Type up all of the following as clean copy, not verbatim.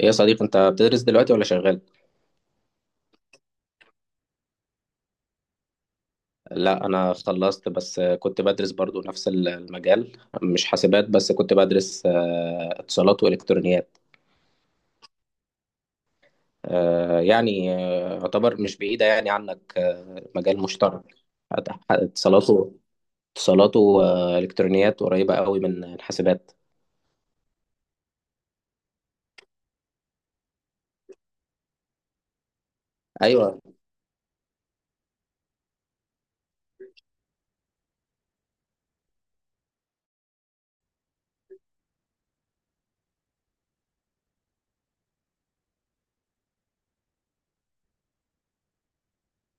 ايه يا صديق انت بتدرس دلوقتي ولا شغال؟ لا انا خلصت، بس كنت بدرس برضو نفس المجال، مش حاسبات بس كنت بدرس، اتصالات والكترونيات. يعتبر مش بعيدة يعني عنك، مجال مشترك. اتصالاته اتصالاته والكترونيات قريبة قوي من الحاسبات. ايوه،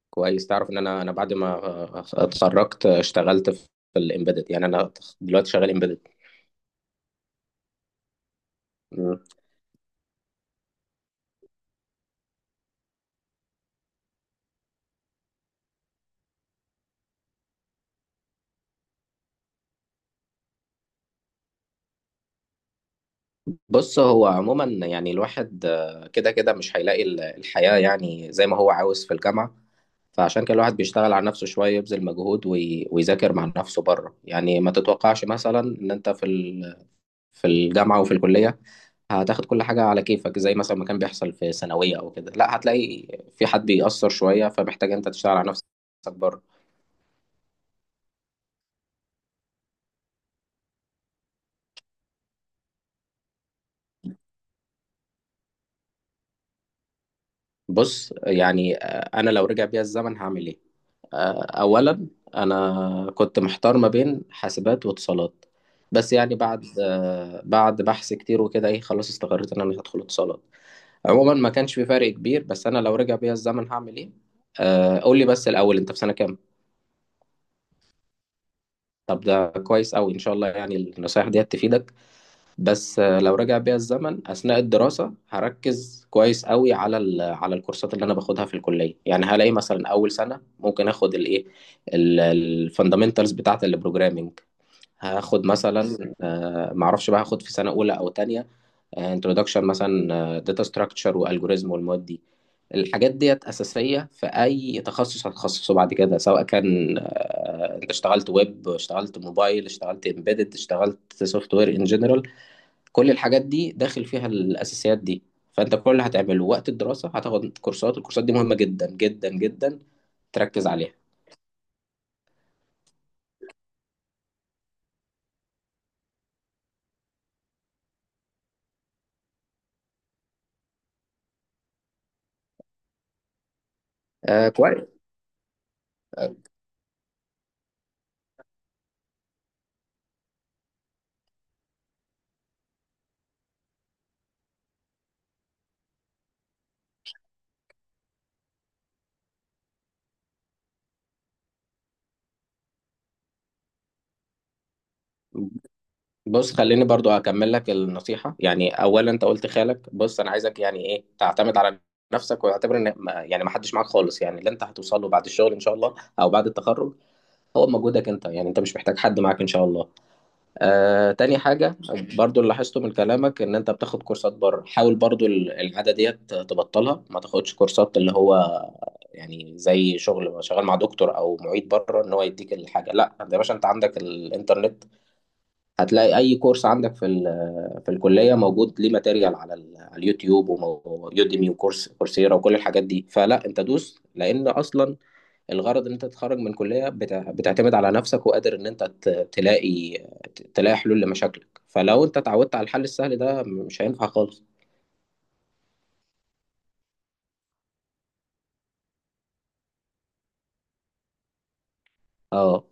كويس. تعرف ان انا بعد ما اتخرجت اشتغلت في الامبيدد، يعني انا دلوقتي شغال امبيدد. بص، هو عموما يعني الواحد كده مش هيلاقي الحياة يعني زي ما هو عاوز في الجامعة، فعشان كده الواحد بيشتغل على نفسه شوية، يبذل مجهود ويذاكر مع نفسه بره. يعني ما تتوقعش مثلا ان انت في في الجامعة وفي الكلية هتاخد كل حاجة على كيفك زي مثلا ما كان بيحصل في ثانوية او كده، لا، هتلاقي في حد بيأثر شوية، فمحتاج انت تشتغل على نفسك بره. بص، يعني انا لو رجع بيا الزمن هعمل ايه؟ اولا انا كنت محتار ما بين حاسبات واتصالات، بس يعني بعد بعد بحث كتير وكده، ايه، خلاص استقريت ان انا هدخل اتصالات. عموما ما كانش في فرق كبير. بس انا لو رجع بيا الزمن هعمل ايه؟ قول لي بس الاول، انت في سنة كام؟ طب ده كويس قوي ان شاء الله، يعني النصايح دي تفيدك. بس لو رجع بيا الزمن اثناء الدراسه هركز كويس قوي على على الكورسات اللي انا باخدها في الكليه. يعني هلاقي مثلا اول سنه ممكن اخد الايه، الفاندامنتالز بتاعه البروجرامنج. هاخد مثلا معرفش بقى، هاخد في سنه اولى او تانية انترودكشن مثلا داتا ستراكشر والجوريزم، والمواد دي الحاجات ديت اساسيه في اي تخصص هتخصصه بعد كده، سواء كان انت اشتغلت ويب، اشتغلت موبايل، اشتغلت امبيدد، اشتغلت سوفت وير ان جنرال، كل الحاجات دي داخل فيها الأساسيات دي. فأنت كل اللي هتعمله وقت الدراسة هتاخد كورسات، الكورسات دي مهمة جدا جدا جدا، تركز عليها. آه كويس. بص، خليني برضو أكمل لك النصيحة. يعني أولا أنت قلت خالك، بص أنا عايزك يعني إيه، تعتمد على نفسك واعتبر إن ما حدش معاك خالص. يعني اللي أنت هتوصل له بعد الشغل إن شاء الله أو بعد التخرج هو مجهودك أنت، يعني أنت مش محتاج حد معاك إن شاء الله. تاني حاجة، برضو اللي لاحظته من كلامك إن أنت بتاخد كورسات بره، حاول برضو العادة ديت تبطلها، ما تاخدش كورسات اللي هو يعني زي شغل شغال مع دكتور أو معيد بره إن هو يديك الحاجة. لا، أنت يا باشا أنت عندك الإنترنت، هتلاقي أي كورس عندك في في الكلية موجود ليه ماتيريال على على اليوتيوب ويوديمي وكورس كورسيرا وكل الحاجات دي، فلا أنت دوس. لأن أصلا الغرض ان انت تتخرج من كلية بتعتمد على نفسك وقادر ان انت تلاقي تلاقي حلول لمشاكلك، فلو انت اتعودت على الحل السهل ده مش هينفع خالص. اه،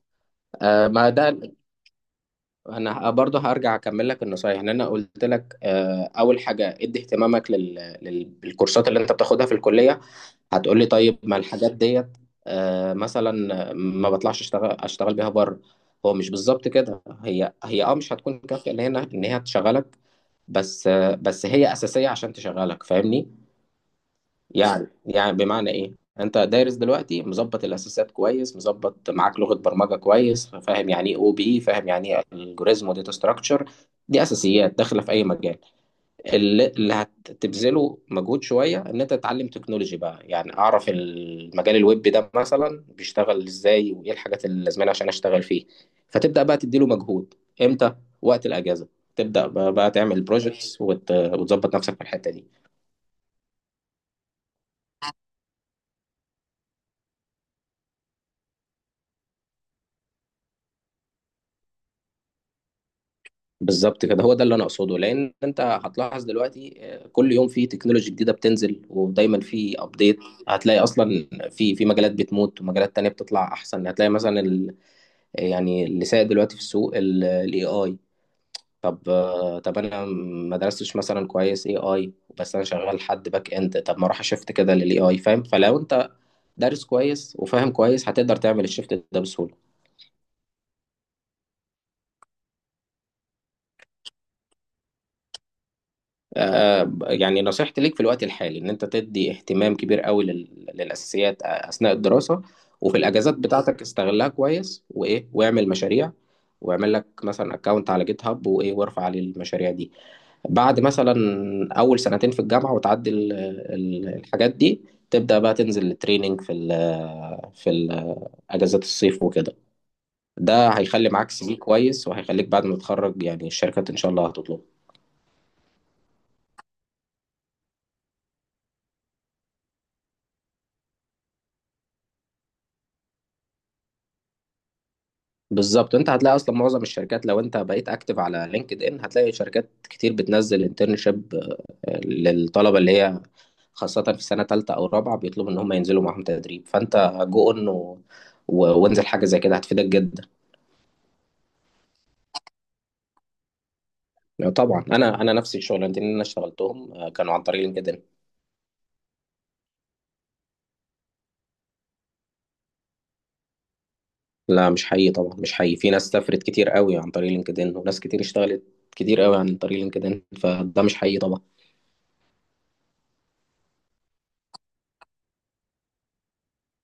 ما ده انا برضه هرجع اكمل لك النصايح. ان انا قلت لك اول حاجه ادي اهتمامك للكورسات اللي انت بتاخدها في الكليه. هتقول لي طيب ما الحاجات ديت مثلا ما بطلعش اشتغل اشتغل بيها بره. هو مش بالظبط كده، هي اه مش هتكون كافيه ان هنا ان هي تشغلك. بس بس هي اساسيه عشان تشغلك، فاهمني؟ يعني يعني بمعنى ايه، انت دارس دلوقتي مظبط الاساسات كويس، مظبط معاك لغه برمجه كويس، فاهم يعني ايه او بي، فاهم يعني ايه الجوريزم وداتا ستراكشر، دي اساسيات داخله في اي مجال. اللي هتبذله مجهود شويه ان انت تتعلم تكنولوجي بقى. يعني اعرف المجال الويب ده مثلا بيشتغل ازاي، وايه الحاجات اللي لازمانه عشان اشتغل فيه، فتبدا بقى تديله مجهود. امتى؟ وقت الاجازه، تبدا بقى تعمل بروجكتس وتظبط نفسك في الحته دي. بالظبط كده، هو ده اللي انا اقصده. لان انت هتلاحظ دلوقتي كل يوم في تكنولوجي جديده بتنزل ودايما في ابديت. هتلاقي اصلا في مجالات بتموت ومجالات تانية بتطلع احسن. هتلاقي مثلا يعني اللي سائد دلوقتي في السوق الاي اي. طب طب انا ما درستش مثلا كويس اي اي، بس انا شغال حد باك اند، طب ما اروح اشفت كده للاي اي، فاهم؟ فلو انت دارس كويس وفاهم كويس هتقدر تعمل الشفت ده بسهوله. يعني نصيحتي ليك في الوقت الحالي ان انت تدي اهتمام كبير قوي للاساسيات اثناء الدراسه. وفي الاجازات بتاعتك استغلها كويس، وايه، واعمل مشاريع، واعمل لك مثلا اكونت على جيت هاب وايه، وارفع عليه المشاريع دي. بعد مثلا اول سنتين في الجامعه وتعدي الحاجات دي، تبدا بقى تنزل التريننج في ال في ال اجازات الصيف وكده. ده هيخلي معاك سي في كويس، وهيخليك بعد ما تتخرج يعني الشركات ان شاء الله هتطلبه. بالظبط، انت هتلاقي اصلا معظم الشركات، لو انت بقيت اكتف على لينكد ان، هتلاقي شركات كتير بتنزل انترنشيب للطلبه اللي هي خاصه في سنه ثالثه او رابعه، بيطلبوا ان هم ينزلوا معاهم تدريب، فانت جو اون وانزل حاجه زي كده هتفيدك جدا. طبعا، انا نفسي الشغلانتين اللي انا اشتغلتهم كانوا عن طريق لينكدين. لا، مش حقيقي طبعا، مش حقيقي، في ناس سافرت كتير قوي عن طريق لينكدين، وناس كتير اشتغلت كتير قوي عن طريق لينكدين، فده مش حقيقي طبعا.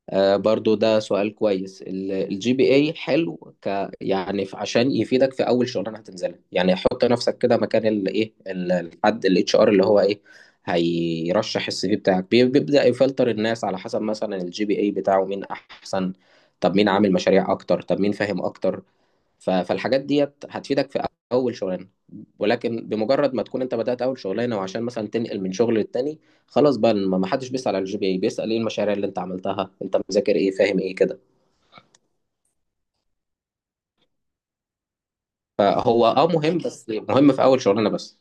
آه، برضو ده سؤال كويس. الجي بي اي حلو ك يعني عشان يفيدك في اول شغلانه هتنزلها. يعني حط نفسك كده مكان الايه، الحد الاتش ار، اللي هو ايه، هيرشح السي في بتاعك، بيبدأ يفلتر الناس على حسب مثلا الجي بي اي بتاعه مين احسن، طب مين عامل مشاريع اكتر، طب مين فاهم اكتر. فالحاجات ديت هتفيدك في اول شغلانه. ولكن بمجرد ما تكون انت بدات اول شغلانه وعشان مثلا تنقل من شغل للتاني، خلاص بقى ما حدش بيسال على الجي بي اي، بيسال ايه المشاريع اللي انت عملتها، انت مذاكر ايه، فاهم ايه كده. فهو اه مهم، بس مهم في اول شغلانه بس.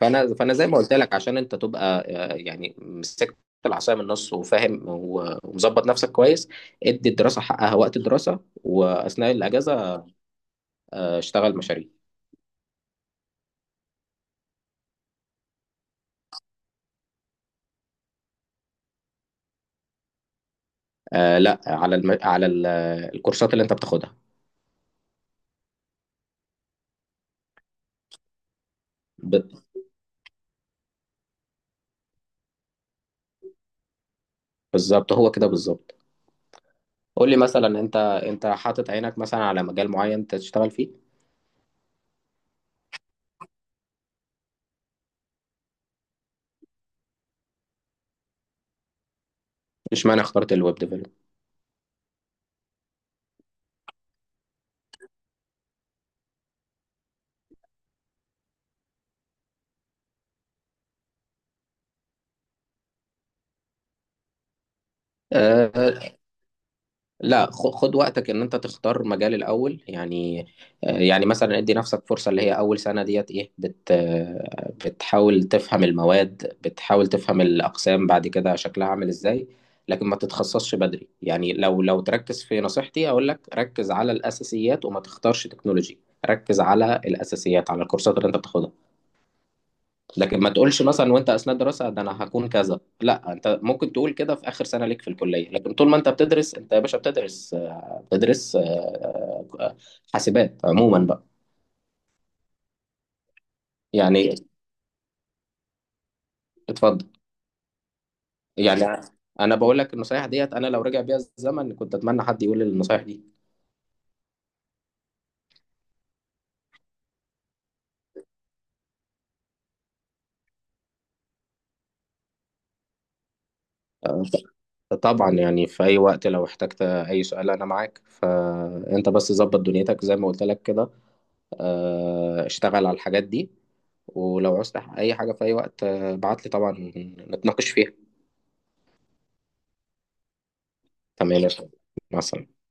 فانا زي ما قلت لك، عشان انت تبقى يعني مسكت العصايه من النص وفاهم ومظبط نفسك كويس، ادي الدراسه حقها وقت الدراسه، واثناء الاجازه اشتغل مشاريع. لا على على الكورسات اللي انت بتاخدها. ب- بالظبط هو كده بالظبط. قول لي مثلا انت، انت حاطط عينك مثلا على مجال معين تشتغل فيه؟ اشمعنى اخترت الويب ديفلوب؟ أه، لا، خد وقتك ان انت تختار مجال الاول يعني. يعني مثلا ادي نفسك فرصه اللي هي اول سنه ديت ايه، بت بتحاول تفهم المواد، بتحاول تفهم الاقسام بعد كده شكلها عامل ازاي. لكن ما تتخصصش بدري. يعني لو تركز في نصيحتي اقول لك ركز على الاساسيات وما تختارش تكنولوجي، ركز على الاساسيات على الكورسات اللي انت بتاخدها. لكن ما تقولش مثلا وانت اثناء دراسه ده انا هكون كذا، لا، انت ممكن تقول كده في اخر سنه ليك في الكليه، لكن طول ما انت بتدرس انت يا باشا بتدرس آه، حاسبات عموما بقى. يعني اتفضل. يعني انا بقول لك النصايح ديت انا لو رجع بيها الزمن كنت اتمنى حد يقول لي النصايح دي. آه، طبعا، يعني في اي وقت لو احتجت اي سؤال انا معاك، فانت بس ظبط دنيتك زي ما قلت لك كده، اشتغل على الحاجات دي. ولو عوزت أي حاجة في أي وقت ابعت لي طبعا نتناقش فيها. تمام يا فندم. مع السلامة.